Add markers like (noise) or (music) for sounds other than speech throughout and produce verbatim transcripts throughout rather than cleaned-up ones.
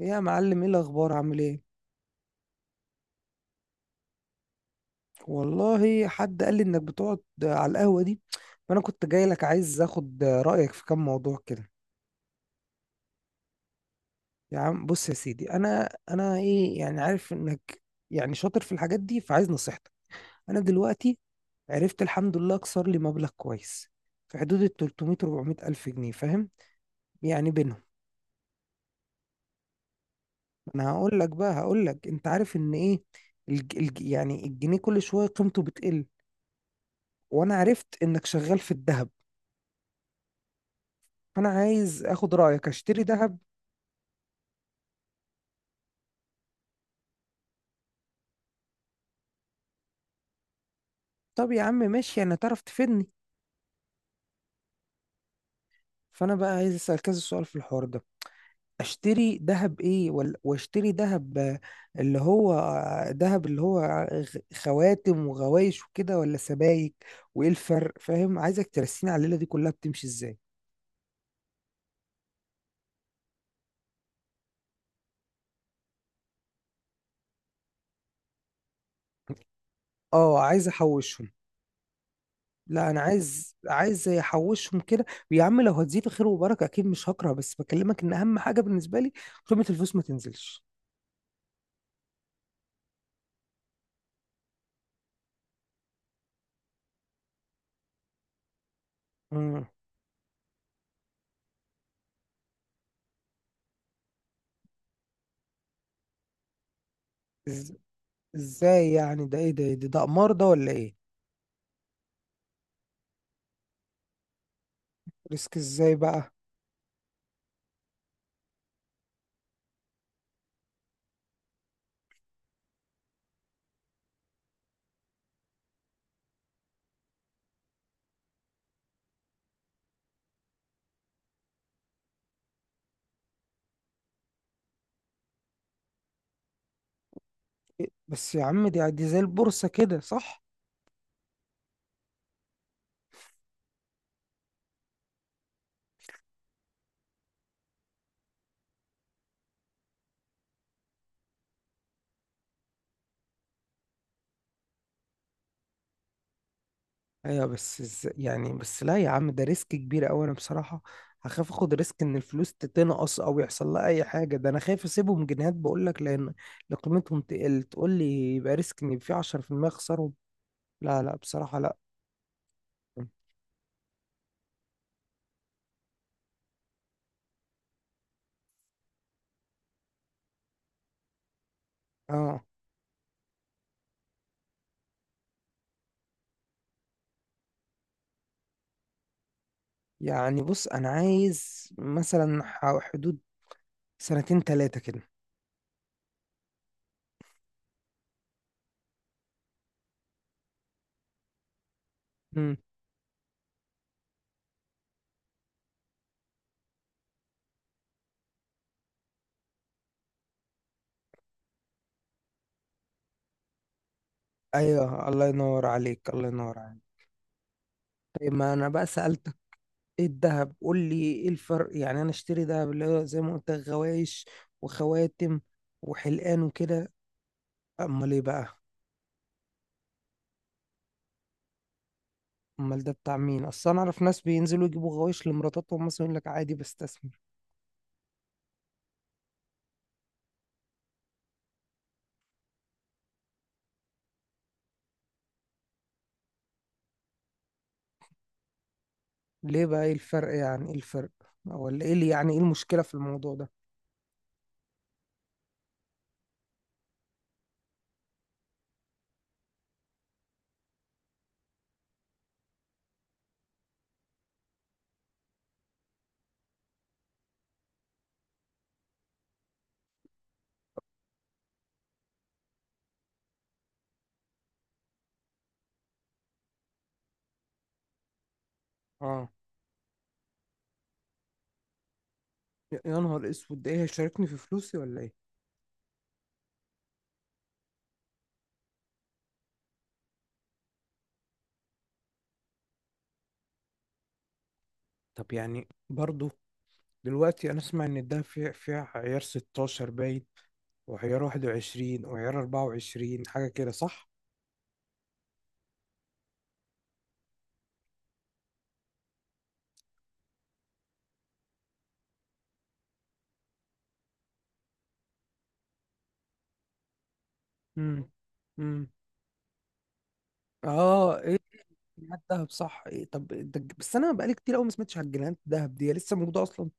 إيه يا معلم، ايه الاخبار؟ عامل ايه؟ والله حد قال لي انك بتقعد على القهوه دي، فانا كنت جاي لك، عايز اخد رايك في كام موضوع كده. يا عم بص يا سيدي، انا انا ايه يعني، عارف انك يعني شاطر في الحاجات دي، فعايز نصيحتك. انا دلوقتي عرفت الحمد لله اكسر لي مبلغ كويس، في حدود ال تلتمية أربعمائة الف جنيه، فاهم؟ يعني بينهم. انا هقول لك بقى، هقول لك انت عارف ان ايه، الج... الج... يعني الجنيه كل شويه قيمته بتقل. وانا عرفت انك شغال في الذهب، فانا عايز اخد رايك اشتري ذهب. طب يا عم ماشي، يعني تعرف تفيدني. فانا بقى عايز اسال كذا سؤال في الحوار ده. اشتري ذهب ايه ولا واشتري ذهب؟ آه، اللي هو آه، ذهب اللي هو غ- خواتم وغوايش وكده، ولا سبائك؟ وايه الفرق؟ فاهم؟ عايزك ترسيني على الليله دي كلها بتمشي ازاي. اه، عايز احوشهم. لا انا عايز (laughs) عايز احوشهم كده. ويا عم لو هتزيد خير وبركه اكيد مش هكره، بس بكلمك ان اهم حاجه بالنسبه لي قيمه الفلوس ما تنزلش. امم. ازاي يعني؟ ده ايه ده ده, ده قمار ده ولا ايه؟ ريسك ازاي بقى؟ إيه؟ بس يا عم، دي دي زي البورصة كده صح؟ ايوه بس ازاي يعني؟ بس لا يا عم، ده ريسك كبير قوي. انا بصراحة هخاف اخد ريسك ان الفلوس تتنقص او يحصل لها اي حاجة. ده انا خايف اسيبهم جنيهات بقول لك، لان لأن قيمتهم تقل. تقول لي يبقى ريسك ان في عشرة في المية اخسرهم؟ لا لا بصراحة لا. اه يعني بص، انا عايز مثلا ح- حدود سنتين تلاتة كده. مم. ايوه الله ينور عليك، الله ينور. إيه، ما انا بقى سألتك ايه الذهب، قول لي ايه الفرق؟ يعني انا اشتري ذهب اللي هو زي ما قلت لك، غوايش وخواتم وحلقان وكده؟ امال ايه بقى؟ امال ده بتاع مين؟ اصل انا اعرف ناس بينزلوا يجيبوا غوايش لمراتاتهم مثلا، يقول لك عادي بستثمر. ليه بقى؟ ايه الفرق يعني؟ ايه الفرق؟ ولا ايه اللي يعني ايه المشكلة في الموضوع ده؟ اه. يا يا نهار اسود، ده ايه؟ هيشاركني في فلوسي ولا ايه؟ طب يعني برضو دلوقتي انا اسمع ان الدهب فيه فيه عيار ستاشر باين، وعيار واحد وعشرين، وعيار اربعة وعشرين، حاجة كده صح؟ امم. امم. اه ايه. جنيهات دهب صح؟ إيه طب ده الج- بس انا بقالي كتير قوي ما سمعتش على الجنيهات دهب دي، هي لسه موجودة اصلا؟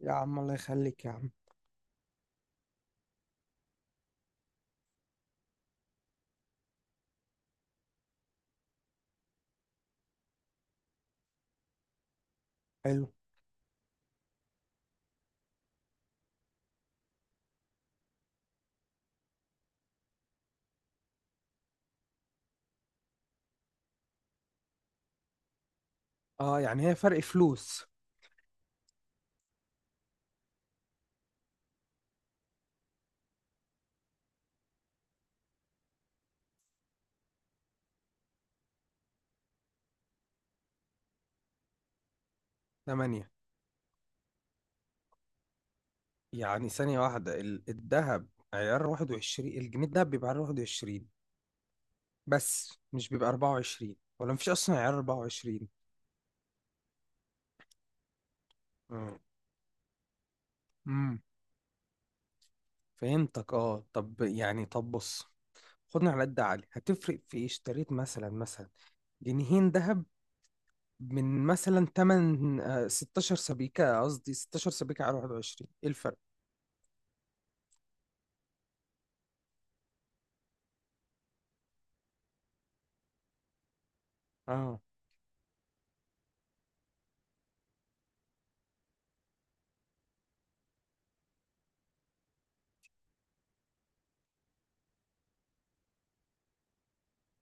يا عم الله يخليك يا عم. حلو. اه يعني هي فرق فلوس. تمانية. يعني ثانية واحدة، ال- الذهب عيار واحد وعشرين، الجنيه الذهب بيبقى عيار واحد وعشرين بس، مش بيبقى اربعة وعشرين، ولا مفيش أصلا عيار اربعة وعشرين؟ مم. امم. فهمتك، اه. طب يعني طب بص، خدنا على قد عقلي هتفرق في ايه، اشتريت مثلا مثلا جنيهين ذهب من مثلا ثمانية ستاشر سبيكة، قصدي ستة عشر سبيكة على واحد وعشرين، ايه الفرق؟ اه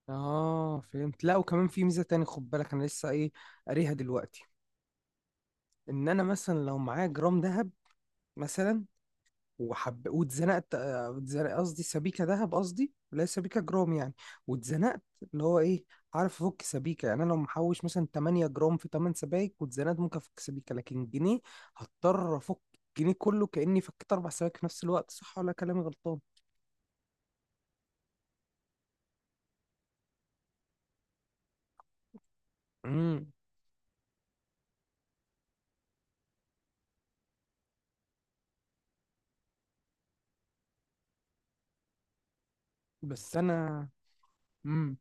اه فهمت. لا وكمان في ميزة تاني خد بالك، انا لسه ايه قاريها دلوقتي، ان انا مثلا لو معايا جرام ذهب مثلا وحب واتزنقت، آه، اتزنق- قصدي سبيكة ذهب، قصدي لا سبيكة جرام يعني، واتزنقت، اللي هو ايه، عارف افك سبيكة. يعني انا لو محوش مثلا ثمانية جرام في ثمانية سبايك، واتزنقت، ممكن افك سبيكة. لكن جنيه، هضطر افك الجنيه كله، كأني فكيت اربع سبايك في نفس الوقت، صح ولا كلامي غلطان؟ امم. بس انا. امم.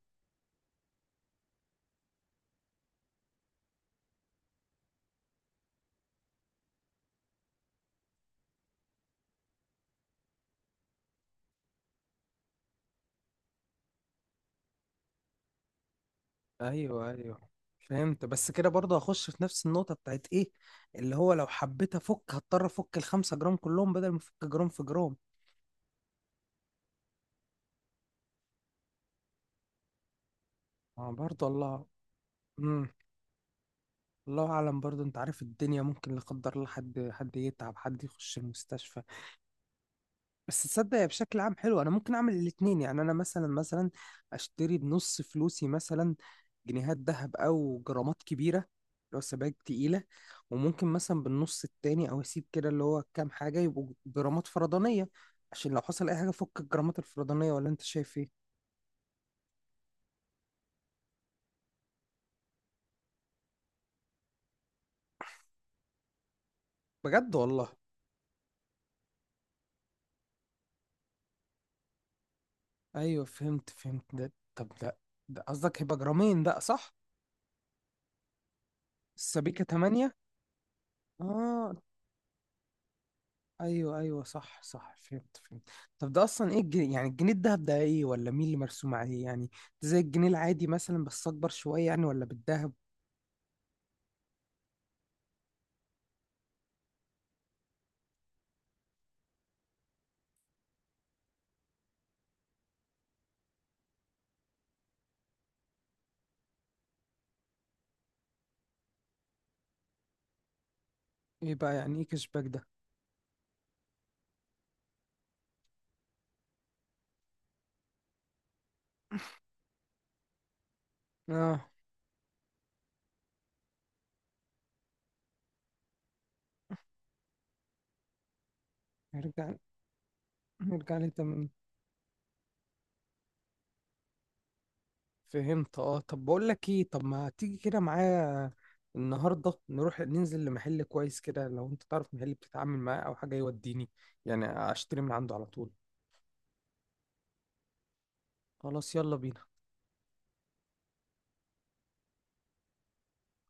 ايوه ايوه فهمت. بس كده برضه هخش في نفس النقطة بتاعت ايه، اللي هو لو حبيت افك هضطر افك الخمسة جرام كلهم بدل ما افك جرام في جرام. اه برضه الله. امم. الله اعلم. برضه انت عارف الدنيا ممكن لا قدر الله، حد حد يتعب، حد يخش المستشفى. بس تصدق هي بشكل عام حلو، انا ممكن اعمل الاتنين. يعني انا مثلا مثلا اشتري بنص فلوسي مثلا جنيهات ذهب او جرامات كبيره لو سبائك تقيله، وممكن مثلا بالنص التاني او اسيب كده اللي هو كام حاجه يبقوا جرامات فرضانيه، عشان لو حصل اي حاجه فك الجرامات الفرضانيه، ولا انت شايف ايه؟ بجد والله. ايوه فهمت فهمت ده، طب ده ده قصدك هيبقى جرامين بقى صح؟ السبيكه ثمانية. اه ايوه ايوه صح صح فهمت فهمت. طب ده اصلا ايه الجنيه يعني؟ الجنيه الدهب ده ايه؟ ولا مين اللي مرسوم عليه يعني؟ زي الجنيه العادي مثلا بس اكبر شويه يعني، ولا بالدهب؟ ايه بقى يعني ايه كشباك ده؟ اه. نرجع نرجع لي تمام. فهمت اه. طب بقول لك ايه، طب ما تيجي كده معايا النهارده، نروح ننزل لمحل كويس كده، لو انت تعرف محل بتتعامل معاه او حاجه، يوديني يعني اشتري من عنده على طول. خلاص يلا بينا.